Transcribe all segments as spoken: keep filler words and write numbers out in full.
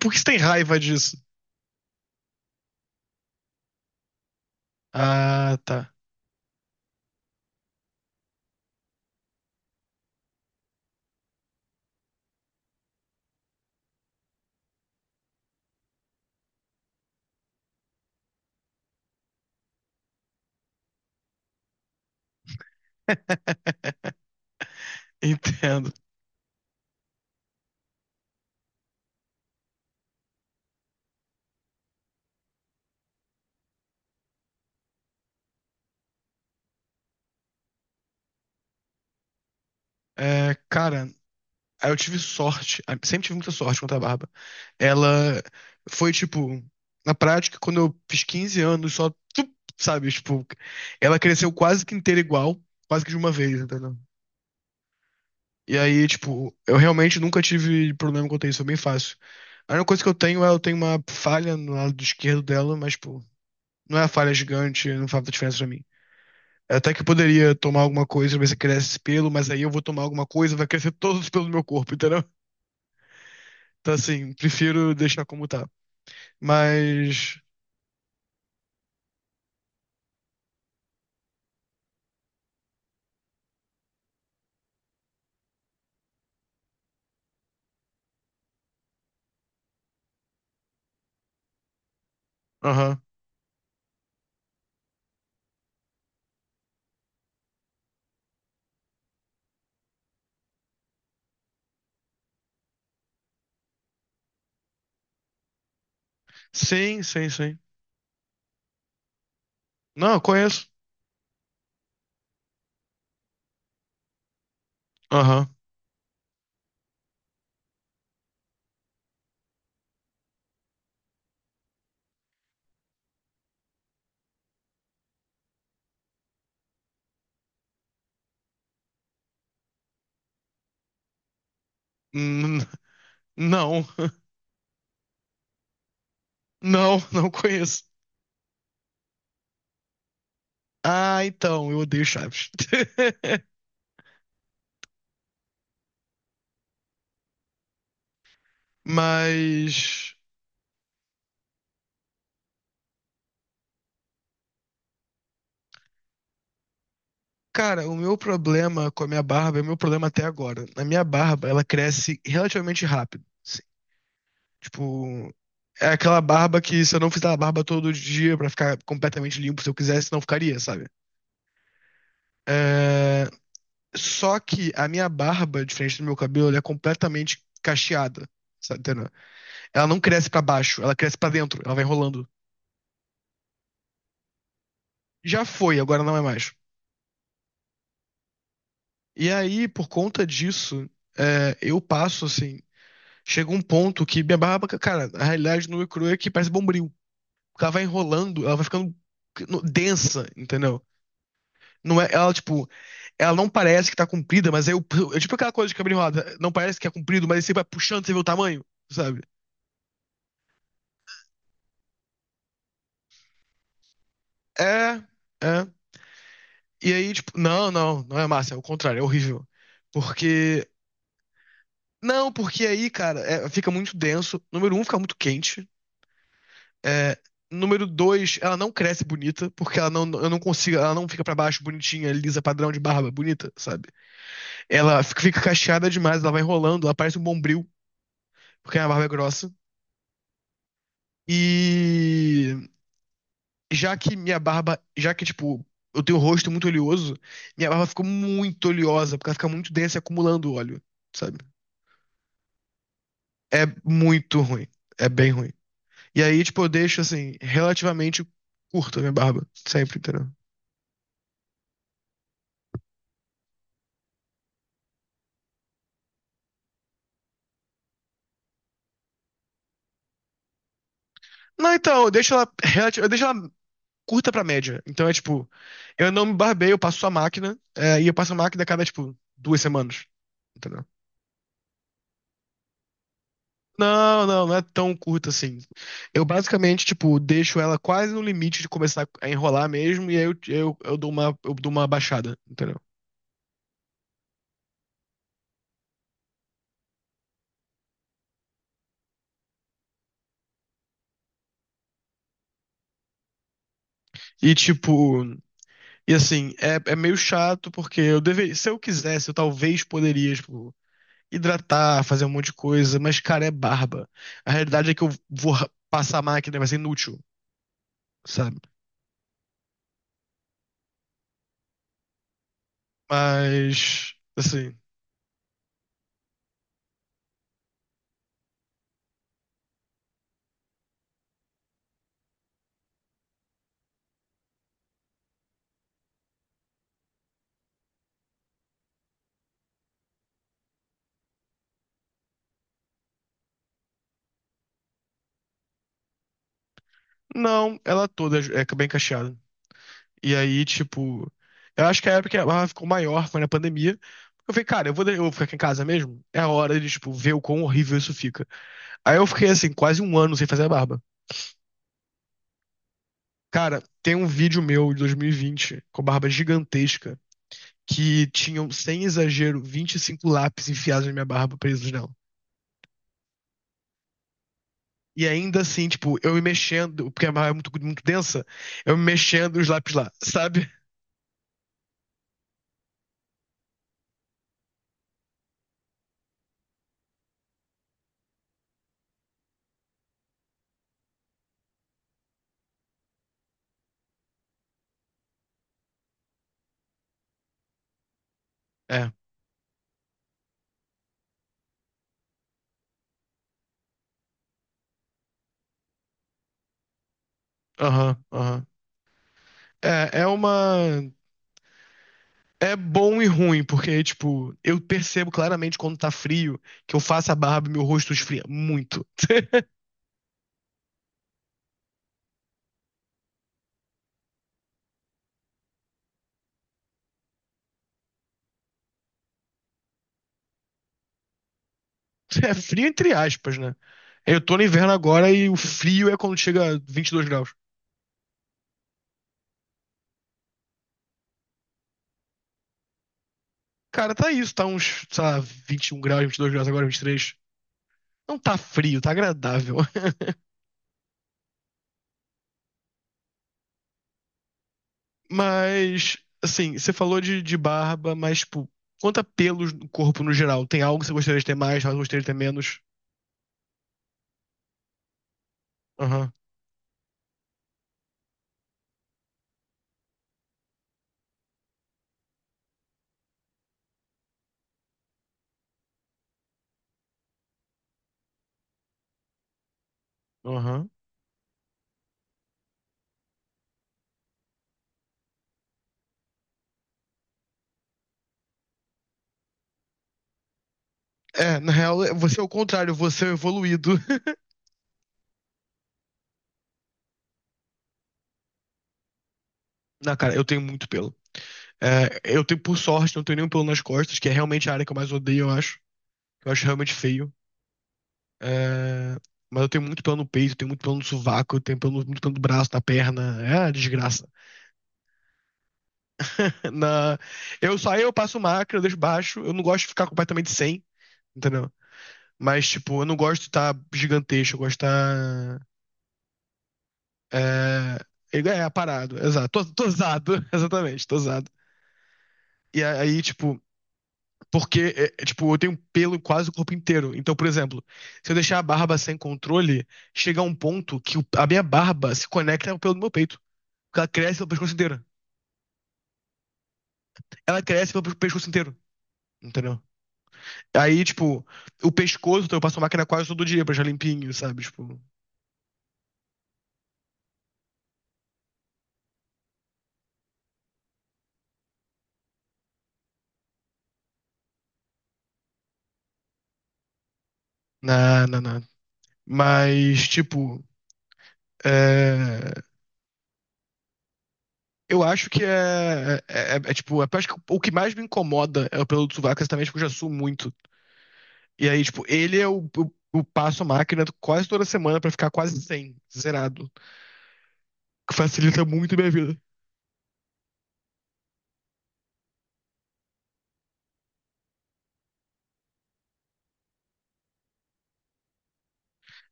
Por que você tem raiva disso? Ah, tá. Entendo. É, cara, aí eu tive sorte. ah, Sempre tive muita sorte com a barba. Ela foi, tipo, na prática, quando eu fiz quinze anos, só, tup, sabe, tipo, ela cresceu quase que inteira igual, quase que de uma vez, entendeu? E aí, tipo, eu realmente nunca tive problema quanto a isso, é bem fácil. A única coisa que eu tenho é eu tenho uma falha no lado esquerdo dela, mas, tipo, não é a falha gigante, não faz muita diferença pra mim. Até que eu poderia tomar alguma coisa, ver se cresce esse pelo, mas aí eu vou tomar alguma coisa, vai crescer todos os pelos do meu corpo, entendeu? Então, assim, prefiro deixar como tá. Mas. Aham. Sim, sim, sim. Não, eu conheço. Aham. N- Não, não, não conheço. Ah, então, eu odeio Chaves. Mas. Cara, o meu problema com a minha barba é o meu problema até agora. A minha barba, ela cresce relativamente rápido, assim. Tipo, é aquela barba que se eu não fizer a barba todo dia pra ficar completamente limpo, se eu quisesse, não ficaria, sabe? É, só que a minha barba, diferente do meu cabelo, ela é completamente cacheada, sabe? Entendeu? Ela não cresce pra baixo, ela cresce pra dentro, ela vai enrolando. Já foi, agora não é mais. E aí, por conta disso, é, eu passo assim. Chega um ponto que minha barba, cara, a realidade nua e crua é que parece bombril. Ela vai enrolando, ela vai ficando densa, entendeu? Não é, ela, tipo, ela não parece que tá comprida, mas aí eu, é tipo aquela coisa de cabelo enrolado. Não parece que é comprido, mas aí você vai puxando, você vê o tamanho, sabe? É, é. E aí, tipo, não, não, não é massa, é o contrário, é horrível. Porque. Não, porque aí, cara, é, fica muito denso. Número um, fica muito quente. É, número dois, ela não cresce bonita, porque ela não, eu não consigo, ela não fica pra baixo bonitinha, lisa, padrão de barba, bonita, sabe? Ela fica, fica, cacheada demais, ela vai enrolando, ela parece um bombril, porque a barba é grossa. E já que minha barba, já que, tipo, eu tenho o rosto muito oleoso, minha barba ficou muito oleosa, porque ela fica muito densa e acumulando óleo, sabe? É muito ruim. É bem ruim. E aí, tipo, eu deixo, assim, relativamente curta a minha barba. Sempre, entendeu? Não, então, eu deixo ela, relati- eu deixo ela curta pra média. Então é tipo, eu não me barbeio, eu passo a máquina, é, e eu passo a máquina a cada, tipo, duas semanas. Entendeu? Não, não, não é tão curta assim. Eu basicamente, tipo, deixo ela quase no limite de começar a enrolar mesmo, e aí eu, eu, eu dou uma, eu dou uma baixada, entendeu? E tipo, e assim, é, é meio chato porque eu deveria, se eu quisesse, eu talvez poderia, tipo, hidratar, fazer um monte de coisa, mas, cara, é barba. A realidade é que eu vou ra- passar a máquina, vai ser inútil, sabe? Mas, assim, não, ela toda é é bem cacheada. E aí, tipo, eu acho que a época que ela ficou maior foi na pandemia. Eu falei, cara, eu vou, de- eu vou ficar aqui em casa mesmo. É a hora de, tipo, ver o quão horrível isso fica. Aí eu fiquei, assim, quase um ano sem fazer a barba. Cara, tem um vídeo meu de dois mil e vinte com barba gigantesca que tinham, sem exagero, vinte e cinco lápis enfiados na minha barba, presos nela. E ainda assim, tipo, eu me mexendo, porque a barba é muito, muito densa, eu me mexendo e os lápis lá, sabe? É, aham, aham. É, é uma. É bom e ruim, porque, tipo, eu percebo claramente quando tá frio que eu faço a barba e meu rosto esfria muito. É frio entre aspas, né? Eu tô no inverno agora e o frio é quando chega a vinte e dois graus. Cara, tá isso, tá uns, sei lá, vinte e um graus, vinte e dois graus agora, vinte e três. Não tá frio, tá agradável. Mas, assim, você falou de, de barba, mas, tipo, quanto a pelos no corpo no geral? Tem algo que você gostaria de ter mais, algo que você gostaria de ter menos? Aham, aham. É, na real, você é o contrário, você é o evoluído. Na cara, eu tenho muito pelo. É, eu tenho, por sorte, não tenho nenhum pelo nas costas, que é realmente a área que eu mais odeio, eu acho. Eu acho realmente feio. É, mas eu tenho muito pelo no peito, tenho muito pelo no sovaco, eu tenho pelo, muito pelo no braço, na perna. É uma desgraça. Na, eu só eu passo máquina, eu deixo baixo. Eu não gosto de ficar completamente sem, entendeu? Mas, tipo, eu não gosto de estar gigantesco, eu gosto de estar. É, é, aparado, exato. Tô, tô usado, exatamente, tô usado. E aí, tipo, porque, é, é, tipo, eu tenho pelo quase o corpo inteiro. Então, por exemplo, se eu deixar a barba sem controle, chega a um ponto que o- a minha barba se conecta ao pelo do meu peito. Porque ela cresce pelo pescoço inteiro. Ela cresce pelo pescoço inteiro, entendeu? Aí, tipo, o pescoço, então eu passo máquina quase todo dia pra deixar limpinho, sabe? Tipo, na, na, na. Mas, tipo, é, eu acho que é, é, é, é, tipo, é, acho que o que mais me incomoda é o pelo do sovaco, exatamente porque eu já suo muito. E aí, tipo, ele é o, o, o passo máquina quase toda semana pra ficar quase cem, zerado. Que facilita muito a minha vida.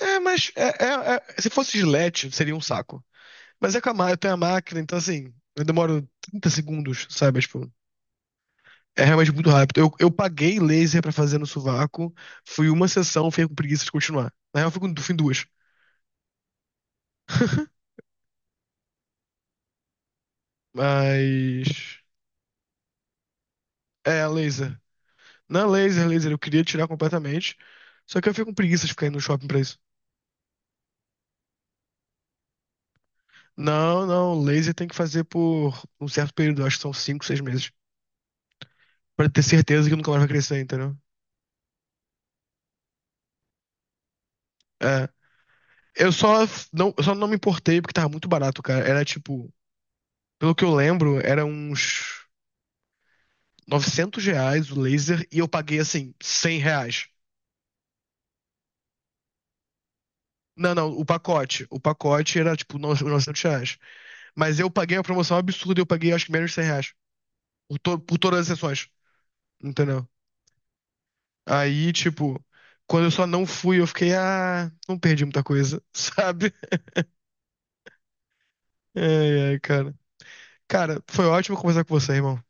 É, mas é- é- é- se fosse Gillette, seria um saco. Mas é com a máquina, eu tenho a máquina, então assim, eu demoro trinta segundos, sabe? Tipo, é realmente muito rápido. Eu, eu paguei laser pra fazer no sovaco, fui uma sessão, fiquei com preguiça de continuar. Na real, eu fui com- fui em duas. Mas. É, laser. Não é laser, laser, eu queria tirar completamente. Só que eu fico com preguiça de ficar indo no shopping pra isso. Não, não, laser tem que fazer por um certo período, acho que são cinco, seis meses, pra ter certeza que nunca mais vai crescer, entendeu? É, eu só f- não, eu só não me importei porque tava muito barato, cara. Era tipo, pelo que eu lembro, era uns novecentos reais o laser e eu paguei assim cem reais. Não, não, o pacote, o pacote, era tipo no- novecentos reais, mas eu paguei a promoção absurda, e eu paguei acho que menos de cem reais por, to- por todas as sessões, entendeu? Aí, tipo, quando eu só não fui, eu fiquei, ah, não perdi muita coisa, sabe? Ai, ai, cara. Cara, foi ótimo conversar com você, irmão.